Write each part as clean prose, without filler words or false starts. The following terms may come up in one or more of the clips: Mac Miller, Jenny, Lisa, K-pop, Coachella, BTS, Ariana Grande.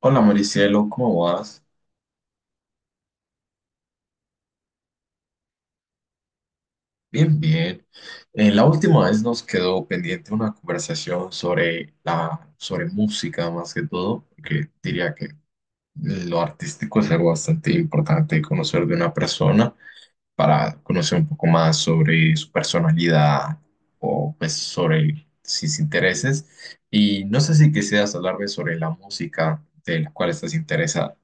Hola Maricielo, ¿cómo vas? Bien, bien. La última vez nos quedó pendiente una conversación sobre sobre música más que todo, que diría que lo artístico es algo bastante importante conocer de una persona para conocer un poco más sobre su personalidad o pues sobre sus intereses. Y no sé si quisieras hablarme sobre la música de la cual estás interesada.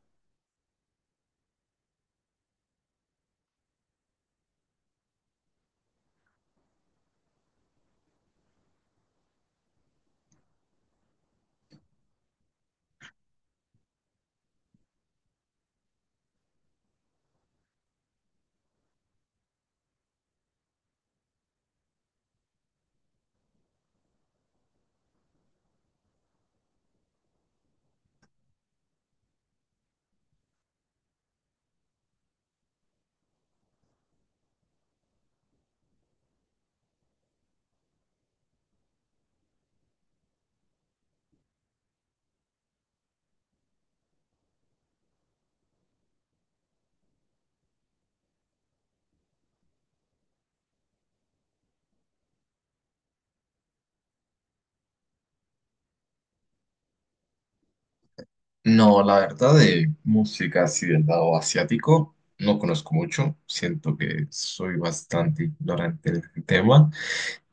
No, la verdad de música así del lado asiático no conozco mucho, siento que soy bastante ignorante del tema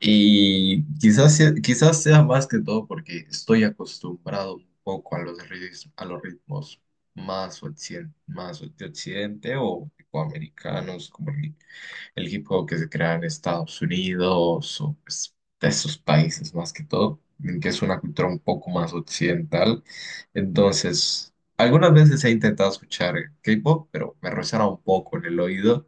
y quizás sea más que todo porque estoy acostumbrado un poco a los ritmos más, más de occidente o americanos, el hip hop que se crea en Estados Unidos o pues, de esos países más que todo, en que es una cultura un poco más occidental. Entonces, algunas veces he intentado escuchar K-pop, pero me resuena un poco en el oído.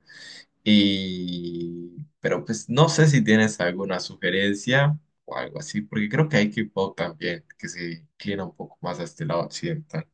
Y, pero pues no sé si tienes alguna sugerencia o algo así, porque creo que hay K-pop también que se inclina un poco más a este lado occidental.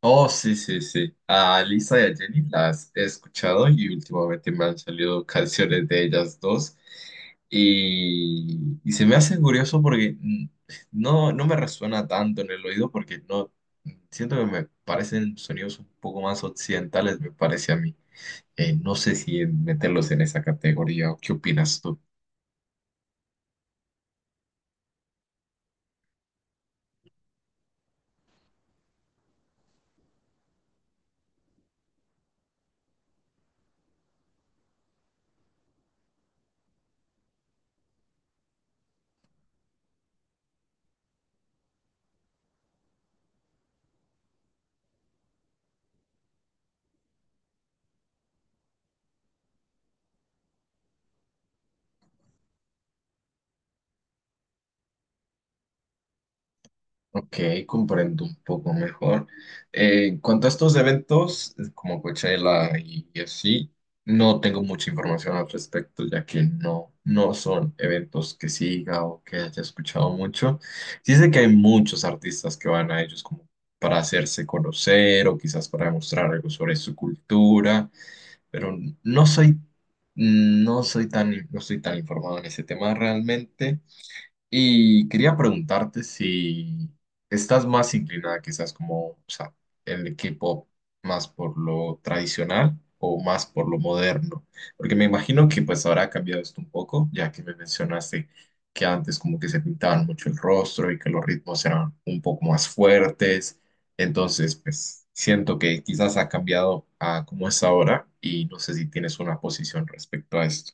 Oh, sí, sí, sí. A Lisa y a Jenny las he escuchado y últimamente me han salido canciones de ellas dos. Y se me hace curioso porque no, no me resuena tanto en el oído porque no siento que me parecen sonidos un poco más occidentales, me parece a mí. No sé si meterlos en esa categoría o qué opinas tú. Ok, comprendo un poco mejor. En cuanto a estos eventos, como Coachella y así, no tengo mucha información al respecto, ya que no son eventos que siga o que haya escuchado mucho. Sí sé que hay muchos artistas que van a ellos como para hacerse conocer o quizás para demostrar algo sobre su cultura, pero no soy, no soy tan, no estoy tan informado en ese tema realmente. Y quería preguntarte si estás más inclinada quizás como, o sea, el equipo más por lo tradicional o más por lo moderno, porque me imagino que pues habrá cambiado esto un poco, ya que me mencionaste que antes como que se pintaban mucho el rostro y que los ritmos eran un poco más fuertes, entonces pues siento que quizás ha cambiado a cómo es ahora y no sé si tienes una posición respecto a esto.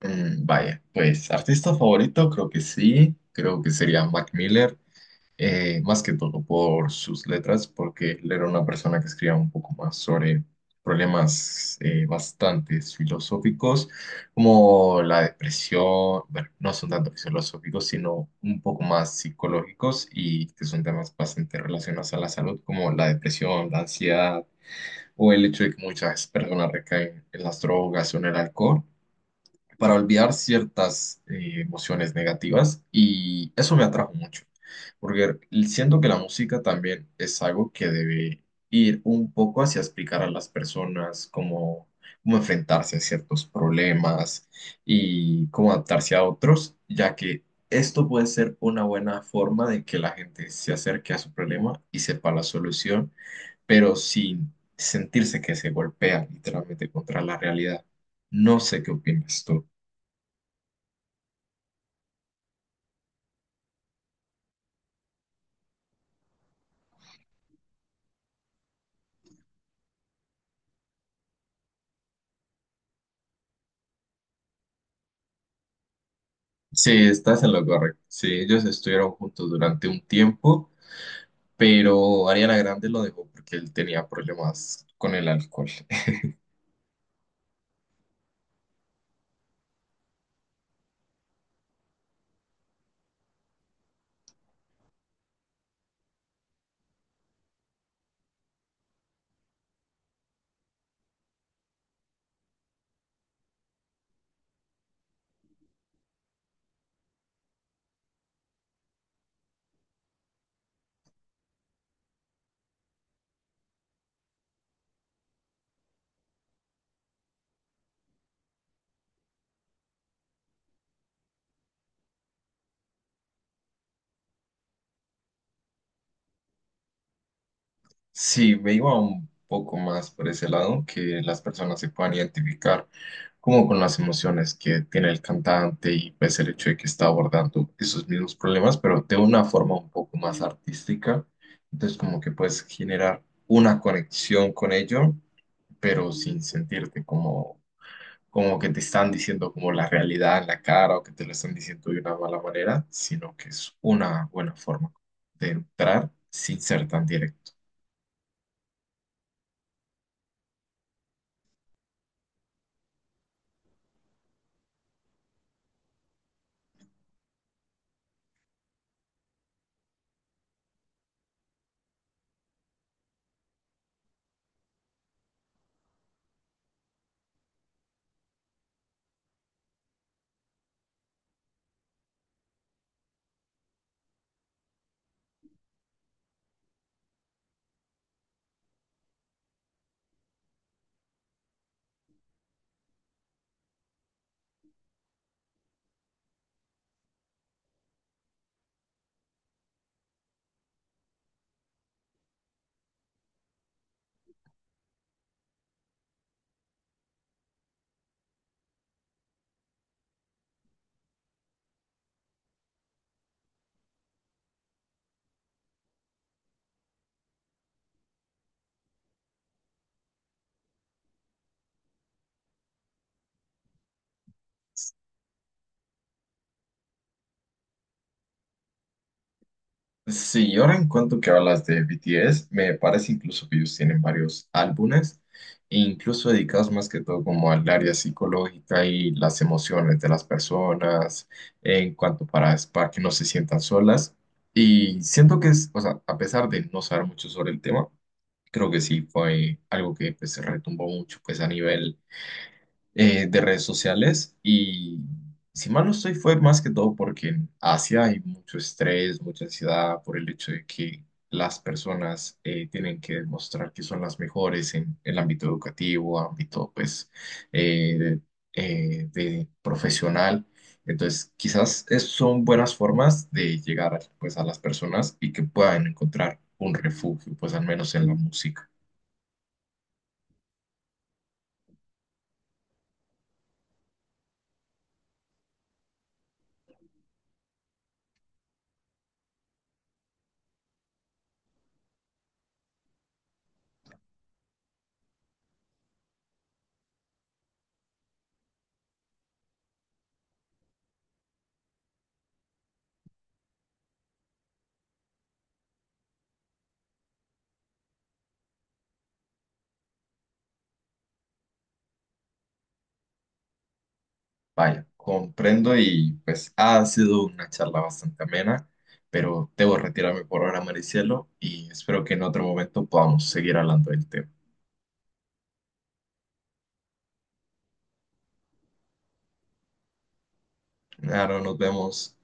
Mm, vaya, pues artista favorito, creo que sí, creo que sería Mac Miller, más que todo por sus letras, porque él era una persona que escribía un poco más sobre problemas bastante filosóficos, como la depresión, bueno, no son tanto filosóficos, sino un poco más psicológicos y que son temas bastante relacionados a la salud, como la depresión, la ansiedad o el hecho de que muchas personas recaen en las drogas o en el alcohol para olvidar ciertas emociones negativas, y eso me atrajo mucho, porque siento que la música también es algo que debe ir un poco hacia explicar a las personas cómo enfrentarse a ciertos problemas y cómo adaptarse a otros, ya que esto puede ser una buena forma de que la gente se acerque a su problema y sepa la solución, pero sin sentirse que se golpea literalmente contra la realidad. No sé qué opinas tú. Sí, estás en lo correcto. Sí, ellos estuvieron juntos durante un tiempo, pero Ariana Grande lo dejó porque él tenía problemas con el alcohol. Sí, me iba un poco más por ese lado, que las personas se puedan identificar como con las emociones que tiene el cantante y pues el hecho de que está abordando esos mismos problemas, pero de una forma un poco más artística. Entonces como que puedes generar una conexión con ello, pero sin sentirte como como que te están diciendo como la realidad en la cara o que te lo están diciendo de una mala manera, sino que es una buena forma de entrar sin ser tan directo. Sí, ahora en cuanto que hablas de BTS, me parece incluso que ellos tienen varios álbumes, e incluso dedicados más que todo como al área psicológica y las emociones de las personas, en cuanto para que no se sientan solas. Y siento que es, o sea, a pesar de no saber mucho sobre el tema, creo que sí fue algo que pues, se retumbó mucho pues, a nivel de redes sociales, y si mal no estoy fue más que todo porque en Asia hay mucho estrés, mucha ansiedad por el hecho de que las personas tienen que demostrar que son las mejores en el ámbito educativo, ámbito pues eh, de profesional. Entonces, son buenas formas de llegar pues, a las personas y que puedan encontrar un refugio, pues al menos en la música. Vaya, comprendo y pues ha sido una charla bastante amena, pero debo retirarme por ahora, Maricielo, y espero que en otro momento podamos seguir hablando del tema. Ahora nos vemos.